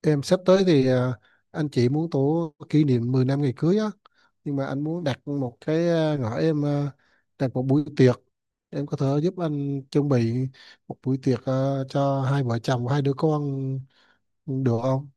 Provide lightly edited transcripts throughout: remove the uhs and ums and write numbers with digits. Em sắp tới thì anh chị muốn tổ kỷ niệm 10 năm ngày cưới á, nhưng mà anh muốn đặt một cái ngõ em đặt một buổi tiệc. Em có thể giúp anh chuẩn bị một buổi tiệc cho hai vợ chồng và hai đứa con được không?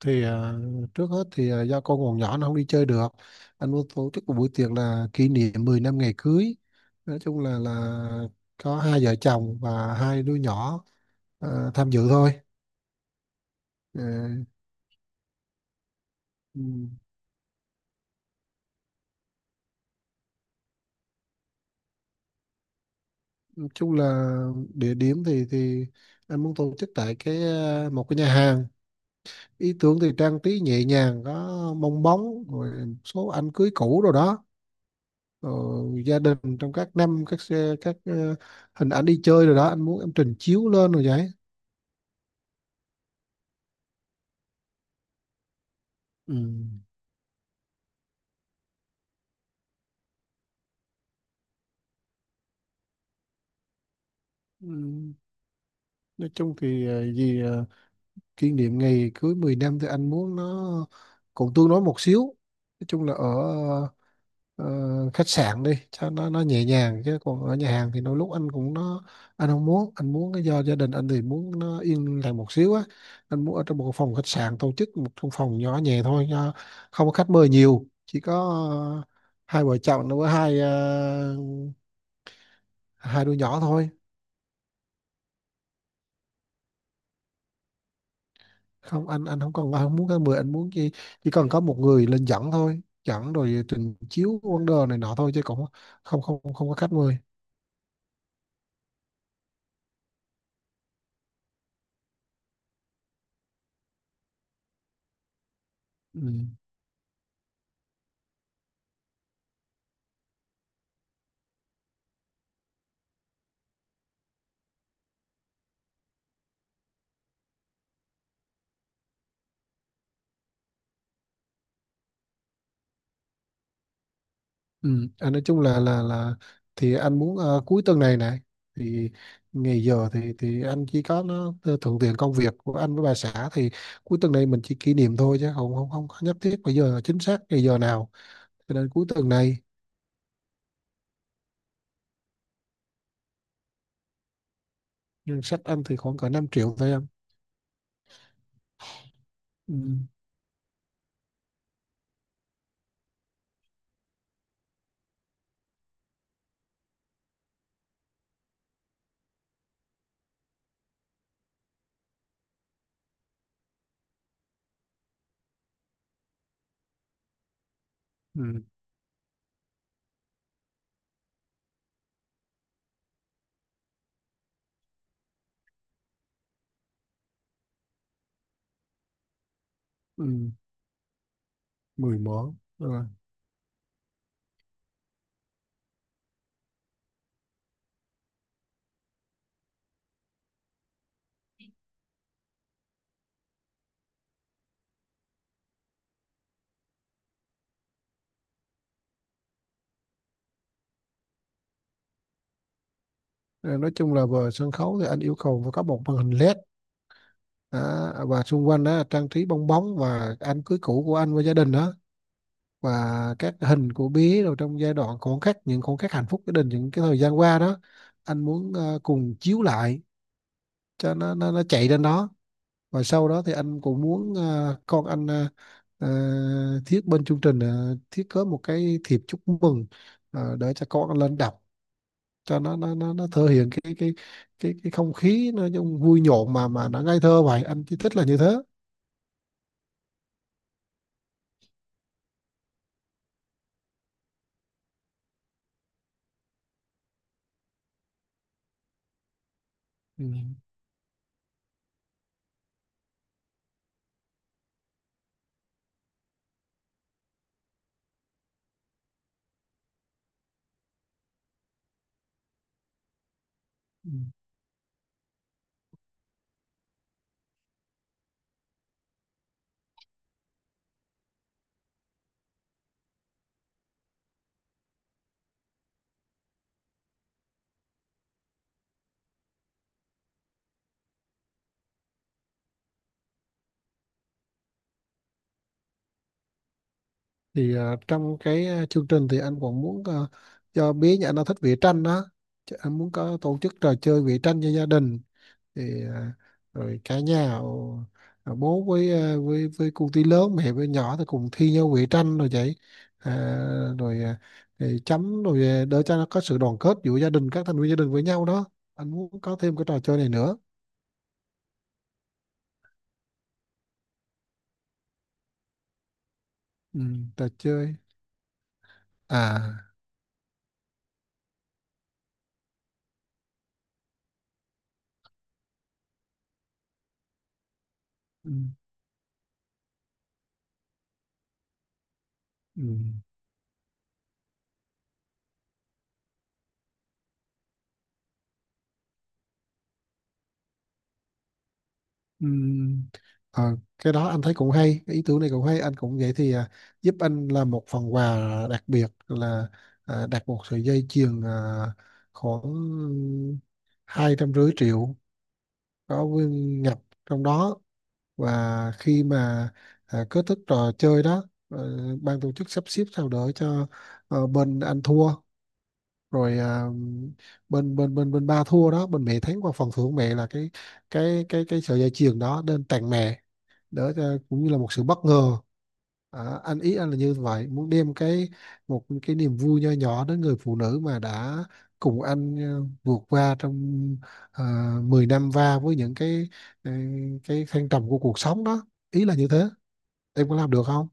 Thì à, trước hết thì do con còn nhỏ nó không đi chơi được, anh muốn tổ chức một buổi tiệc là kỷ niệm 10 năm ngày cưới. Nói chung là có hai vợ chồng và hai đứa nhỏ tham dự thôi. Ờ, Ừ. Chung là địa điểm thì anh muốn tổ chức tại cái một cái nhà hàng. Ý tưởng thì trang trí nhẹ nhàng, có bong bóng rồi một số ảnh cưới cũ rồi đó, rồi gia đình trong các năm, các xe, các hình ảnh đi chơi rồi đó anh muốn em trình chiếu lên rồi vậy. Ừ. Ừ. Nói chung thì kỷ niệm ngày cưới 10 năm thì anh muốn nó cũng tương đối một xíu. Nói chung là ở ờ, ờ, khách sạn đi cho nó nhẹ nhàng, chứ còn ở nhà hàng thì đôi lúc anh cũng nó, anh không muốn, anh muốn cái do gia đình anh thì muốn nó yên lặng một xíu á. Anh muốn ở trong một phòng khách sạn, tổ chức một trong phòng nhỏ nhẹ thôi, cho không có khách mời nhiều, chỉ có ờ, hai vợ chồng nó với hai hai đứa nhỏ thôi. Không, anh không còn, anh không muốn cái mười, anh muốn chỉ cần có một người lên dẫn thôi, dẫn rồi trình chiếu vấn đề này nọ thôi, chứ cũng không không không có khách mời. Ừ. Ừ, anh nói chung là thì anh muốn cuối tuần này này thì ngày giờ thì anh chỉ có nó thuận tiện công việc của anh với bà xã, thì cuối tuần này mình chỉ kỷ niệm thôi, chứ không không không có nhất thiết bây giờ chính xác ngày giờ nào, cho nên cuối tuần này. Ngân sách anh thì khoảng cỡ 5 triệu thôi em. Ừ, ừ, ừ, 10 món rồi. Ờ, nói chung là về sân khấu thì anh yêu cầu phải có một màn hình LED. Đó, và xung quanh đó trang trí bong bóng và anh cưới cũ của anh với gia đình đó, và các hình của bé rồi trong giai đoạn khoảnh khắc, những khoảnh khắc hạnh phúc gia đình, những cái thời gian qua đó anh muốn cùng chiếu lại, cho nó chạy lên đó. Và sau đó thì anh cũng muốn con anh thiết bên chương trình thiết kế một cái thiệp chúc mừng để cho con anh lên đọc, cho nó thể hiện cái không khí nó trong vui nhộn mà nó ngây thơ, vậy anh chỉ thích là như thế. Ừ. Ừ. Trong cái chương trình thì anh còn muốn cho bé nhà anh, nó thích vẽ tranh đó. Chứ anh muốn có tổ chức trò chơi vẽ tranh cho gia đình, thì à, rồi cả nhà bố với với cô tí lớn, mẹ với nhỏ, thì cùng thi nhau vẽ tranh rồi vậy. à, rồi à, thì chấm rồi để cho nó có sự đoàn kết giữa gia đình, các thành viên gia đình với nhau đó, anh muốn có thêm cái trò chơi này nữa. Ừ, trò chơi. À. Ừ, ừ. Ừm, ờ, cái đó anh thấy cũng hay, cái ý tưởng này cũng hay, anh cũng vậy thì giúp anh làm một phần quà đặc biệt là đặt một sợi dây chuyền khoảng 250 triệu, có nguyên nhập trong đó. Và khi mà kết thúc trò chơi đó ban tổ chức sắp xếp sao đỡ cho bên anh thua, rồi bên bên bên bên ba thua đó, bên mẹ thắng, qua phần thưởng mẹ là cái sợi dây chuyền đó nên tặng mẹ đỡ cho, cũng như là một sự bất ngờ. Anh ý anh là như vậy, muốn đem cái một cái niềm vui nho nhỏ đến người phụ nữ mà đã cùng anh vượt qua trong 10 năm va với những cái ờ, cái thăng trầm của cuộc sống đó, ý là như thế. Em có làm được không?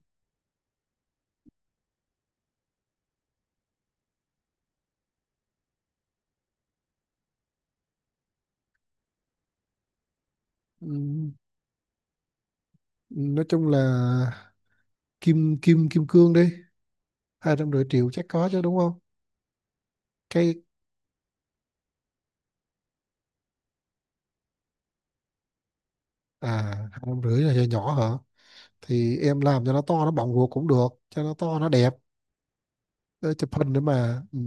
Ừm, nói chung là kim kim kim cương đi, 250 triệu chắc có chứ đúng không? Cái à, 250 triệu là nhỏ nhỏ hả? Thì em làm cho nó to, nó bọng ruột cũng được, cho nó to nó đẹp. Ờ, chụp hình nữa mà ừ.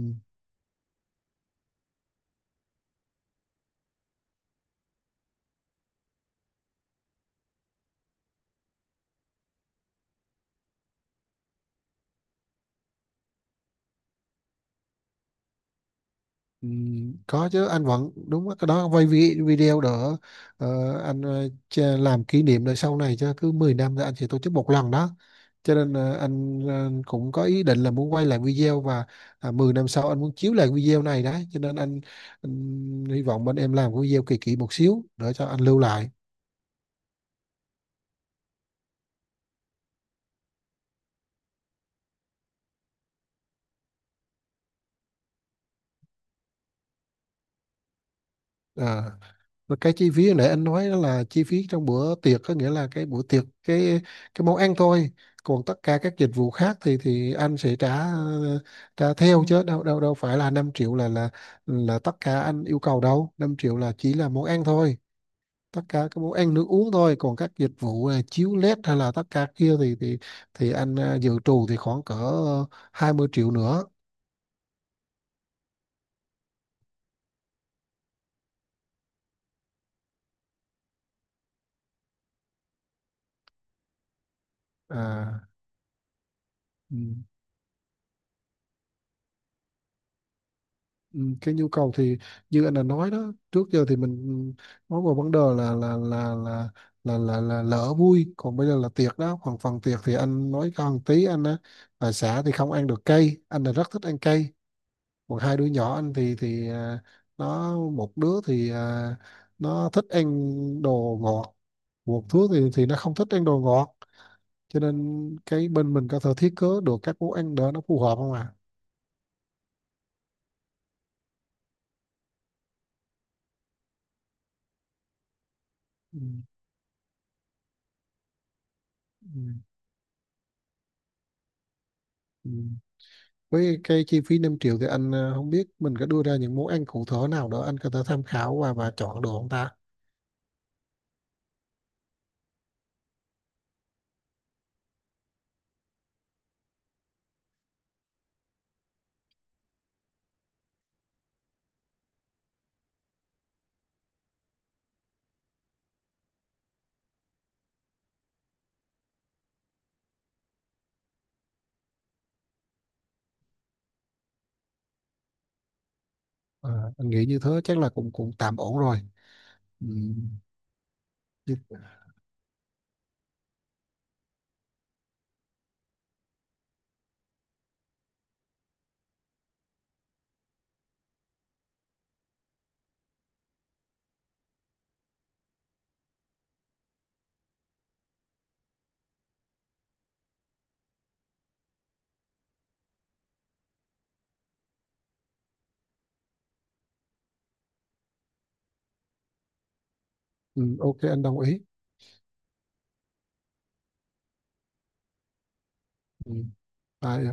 Ừ, có chứ anh vẫn đúng á, cái đó quay video đỡ. Anh làm kỷ niệm đời sau này, cho cứ 10 năm thì anh sẽ tổ chức một lần đó, cho nên anh cũng có ý định là muốn quay lại video. Và 10 năm sau anh muốn chiếu lại video này đấy, cho nên anh hy vọng bên em làm cái video kỳ kỳ một xíu để cho anh lưu lại. Ờ. Và cái chi phí hồi nãy anh nói đó là chi phí trong bữa tiệc, có nghĩa là cái bữa tiệc cái món ăn thôi, còn tất cả các dịch vụ khác thì anh sẽ trả trả theo, chứ đâu đâu đâu phải là 5 triệu là tất cả anh yêu cầu đâu. 5 triệu là chỉ là món ăn thôi, tất cả các món ăn nước uống thôi. Còn các dịch vụ chiếu led hay là tất cả kia thì anh dự trù thì khoảng cỡ 20 triệu nữa. À, ừ. Ừ, cái nhu cầu thì như anh đã nói đó, trước giờ thì mình nói vào vấn đề là lỡ vui, còn bây giờ là tiệc đó. Còn phần tiệc thì anh nói cho một tí, anh á, bà xã thì không ăn được cay, anh là rất thích ăn cay. Còn hai đứa nhỏ anh thì nó một đứa thì nó thích ăn đồ ngọt, một đứa thì nó không thích ăn đồ ngọt, cho nên cái bên mình có thể thiết kế được các món ăn để nó phù hợp không ạ à? Ừ. Ừ, ừ. Với cái chi phí 5 triệu thì anh không biết mình có đưa ra những món ăn cụ thể nào đó anh có thể tham khảo và chọn được không ta? à, anh nghĩ như thế chắc là cũng cũng tạm ổn rồi. Ừ. Ừ, ok anh đồng ý. Ừ. Tại,